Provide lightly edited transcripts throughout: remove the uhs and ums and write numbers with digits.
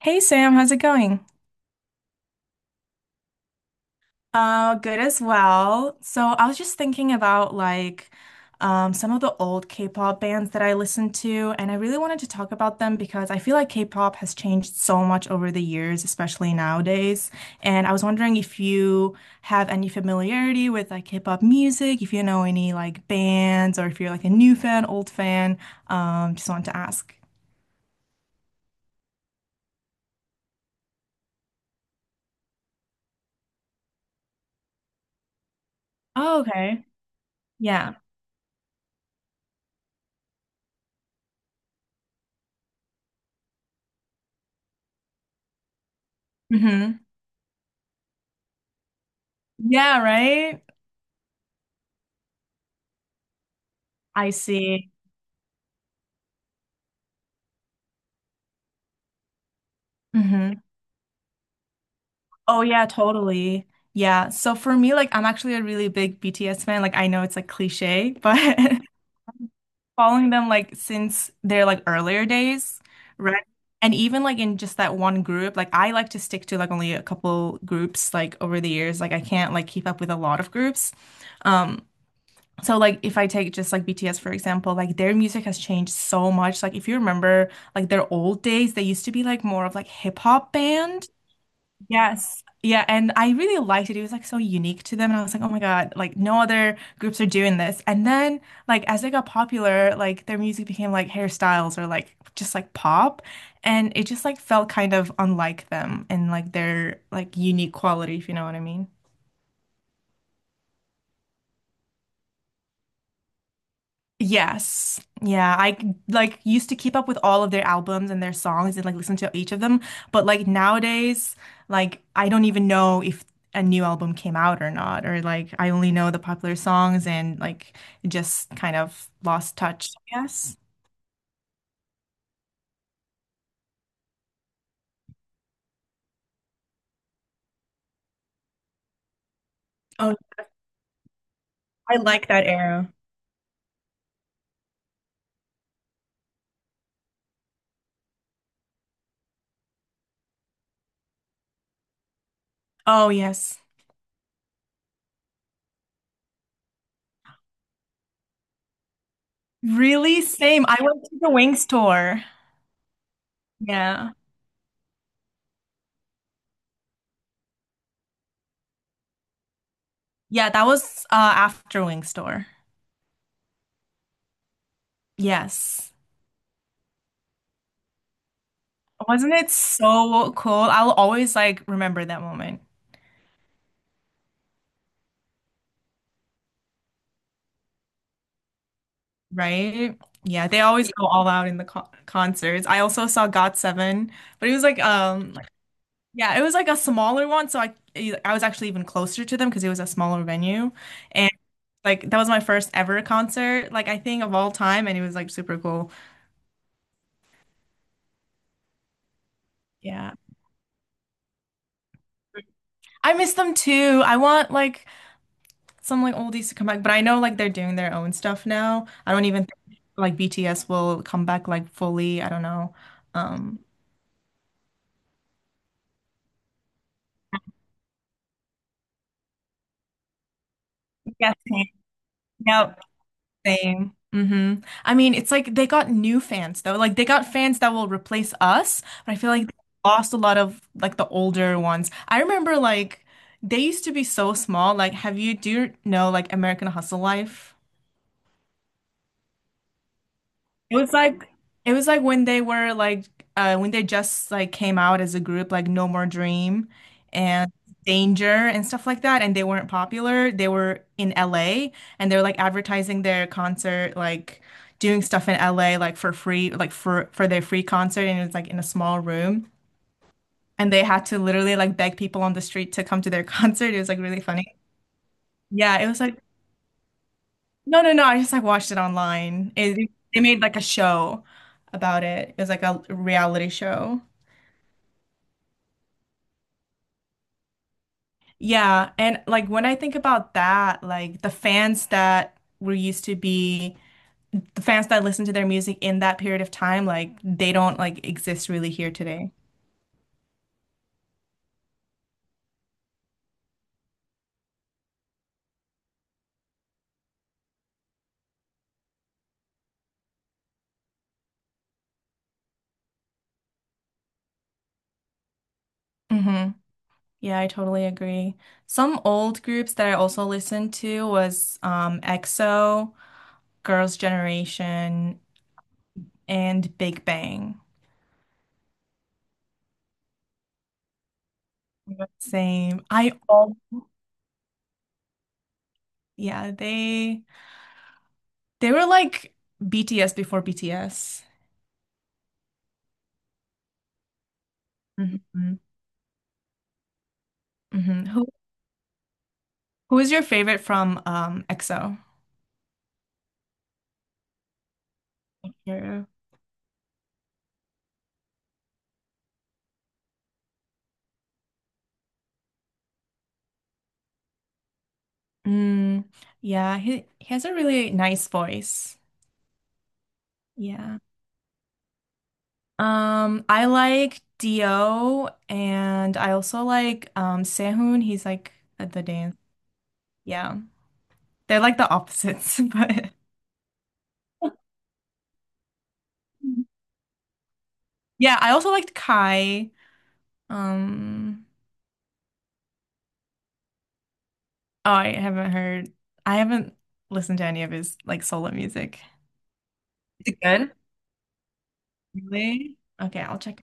Hey Sam, how's it going? Good as well. So I was just thinking about like some of the old K-pop bands that I listened to, and I really wanted to talk about them because I feel like K-pop has changed so much over the years, especially nowadays. And I was wondering if you have any familiarity with like K-pop music, if you know any like bands, or if you're like a new fan, old fan. Just wanted to ask. Oh, okay. Yeah. Mm-hmm. Yeah, right? I see. Oh yeah, totally. Yeah. So for me, like I'm actually a really big BTS fan. Like I know it's like cliche, but following them like since their like earlier days, right? And even like in just that one group, like I like to stick to like only a couple groups like over the years. Like I can't like keep up with a lot of groups. Um so like if I take just like BTS for example, like their music has changed so much. Like if you remember like their old days, they used to be like more of like hip hop band. Yes. Yeah. And I really liked it. It was like so unique to them. And I was like, oh my God, like no other groups are doing this. And then like as they got popular, like their music became like hairstyles or like just like pop. And it just like felt kind of unlike them and like their like unique quality, if you know what I mean. Yes. Yeah, I like used to keep up with all of their albums and their songs and like listen to each of them, but like nowadays, like I don't even know if a new album came out or not, or like I only know the popular songs and like just kind of lost touch, I guess. Oh, I like that era. Oh, yes. Really? Same. I went to the Wings tour. Yeah. Yeah, that was after Wings tour. Yes. Wasn't it so cool? I'll always like remember that moment, right? Yeah, they always go all out in the co concerts. I also saw GOT7, but it was like yeah, it was like a smaller one, so I was actually even closer to them because it was a smaller venue. And like that was my first ever concert, like I think of all time, and it was like super cool. Yeah. I miss them too. I want like some like oldies to come back, but I know like they're doing their own stuff now. I don't even think like BTS will come back like fully. I don't know. Um, yeah, same. Yep, same. I mean, it's like they got new fans though. Like they got fans that will replace us, but I feel like they lost a lot of like the older ones. I remember like they used to be so small. Like, have you do you know like American Hustle Life? It was like it was like when they were like when they just like came out as a group like No More Dream and Danger and stuff like that and they weren't popular. They were in LA and they were like advertising their concert like doing stuff in LA like for free like for their free concert and it was like in a small room and they had to literally like beg people on the street to come to their concert. It was like really funny. Yeah, it was like No, no, no. I just like watched it online. It, they made like a show about it. It was like a reality show. Yeah, and like when I think about that, like the fans that listen to their music in that period of time, like they don't like exist really here today. hmm Yeah, I totally agree. Some old groups that I also listened to was EXO, Girls' Generation, and Big Bang. Same. I all Yeah, they were like BTS before BTS. Mhm. Mhm. Who is your favorite from EXO? Yeah. Mm, yeah, he has a really nice voice. Yeah. I like Dio and I also like Sehun. He's like at the dance. Yeah. They're like the opposites, but yeah, I also liked Kai. Um, oh, I haven't listened to any of his like solo music. Is it good? Really? Okay, I'll check.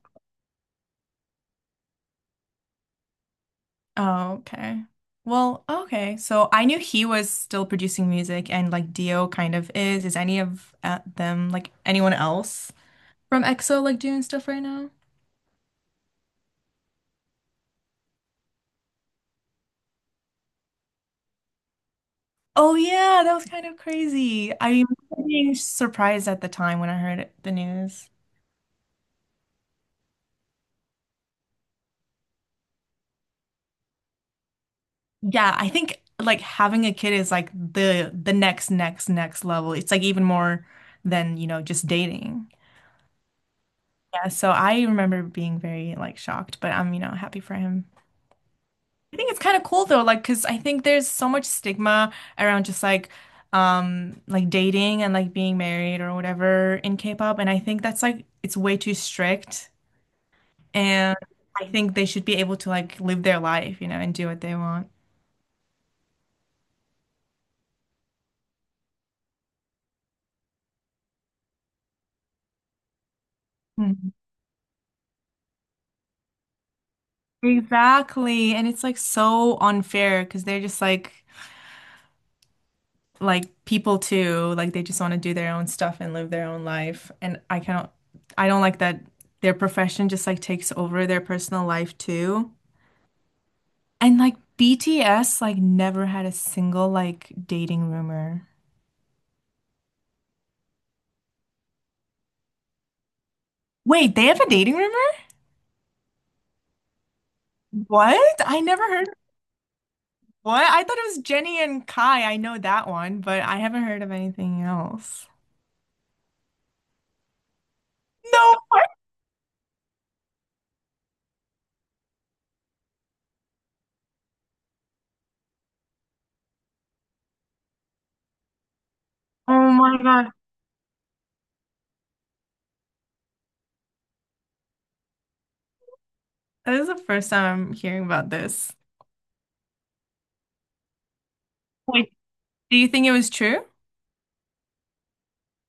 Oh, okay. Well, okay. So I knew he was still producing music and like Dio kind of is. Is any of them like anyone else from EXO like doing stuff right now? Oh yeah, that was kind of crazy. I'm being surprised at the time when I heard the news. Yeah, I think like having a kid is like the next next level. It's like even more than, you know, just dating. Yeah, so I remember being very like shocked, but I'm, you know, happy for him. I think it's kind of cool though, like because I think there's so much stigma around just like dating and like being married or whatever in K-pop, and I think that's like it's way too strict. And I think they should be able to like live their life, you know, and do what they want. Mhm. Exactly. And it's like so unfair because they're just like people too. Like they just want to do their own stuff and live their own life. And I don't like that their profession just like takes over their personal life too. And like BTS like never had a single like dating rumor. Wait, they have a dating rumor? What? I never heard. What? I thought it was Jenny and Kai. I know that one, but I haven't heard of anything else. No. Oh my God. This is the first time I'm hearing about this. Wait, do you think it was true?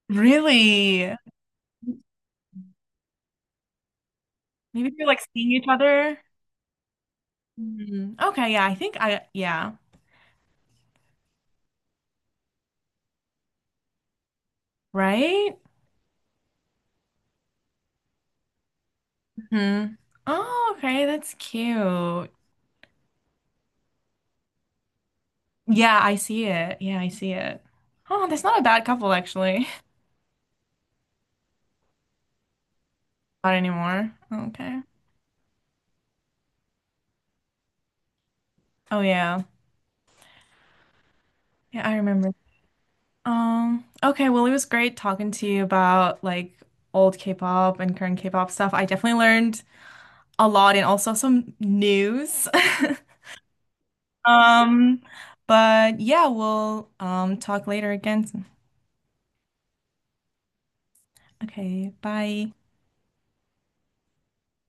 Really? Maybe they're like seeing each other. Hmm. Okay, yeah, yeah, right? hmm Oh, okay, that's cute. Yeah, I see it. Yeah, I see it. Oh, that's not a bad couple, actually. Not anymore. Okay. Oh, yeah. Yeah, I remember. Okay, well, it was great talking to you about like old K-pop and current K-pop stuff. I definitely learned a lot and also some news. Um, but yeah, we'll talk later again. Okay, bye.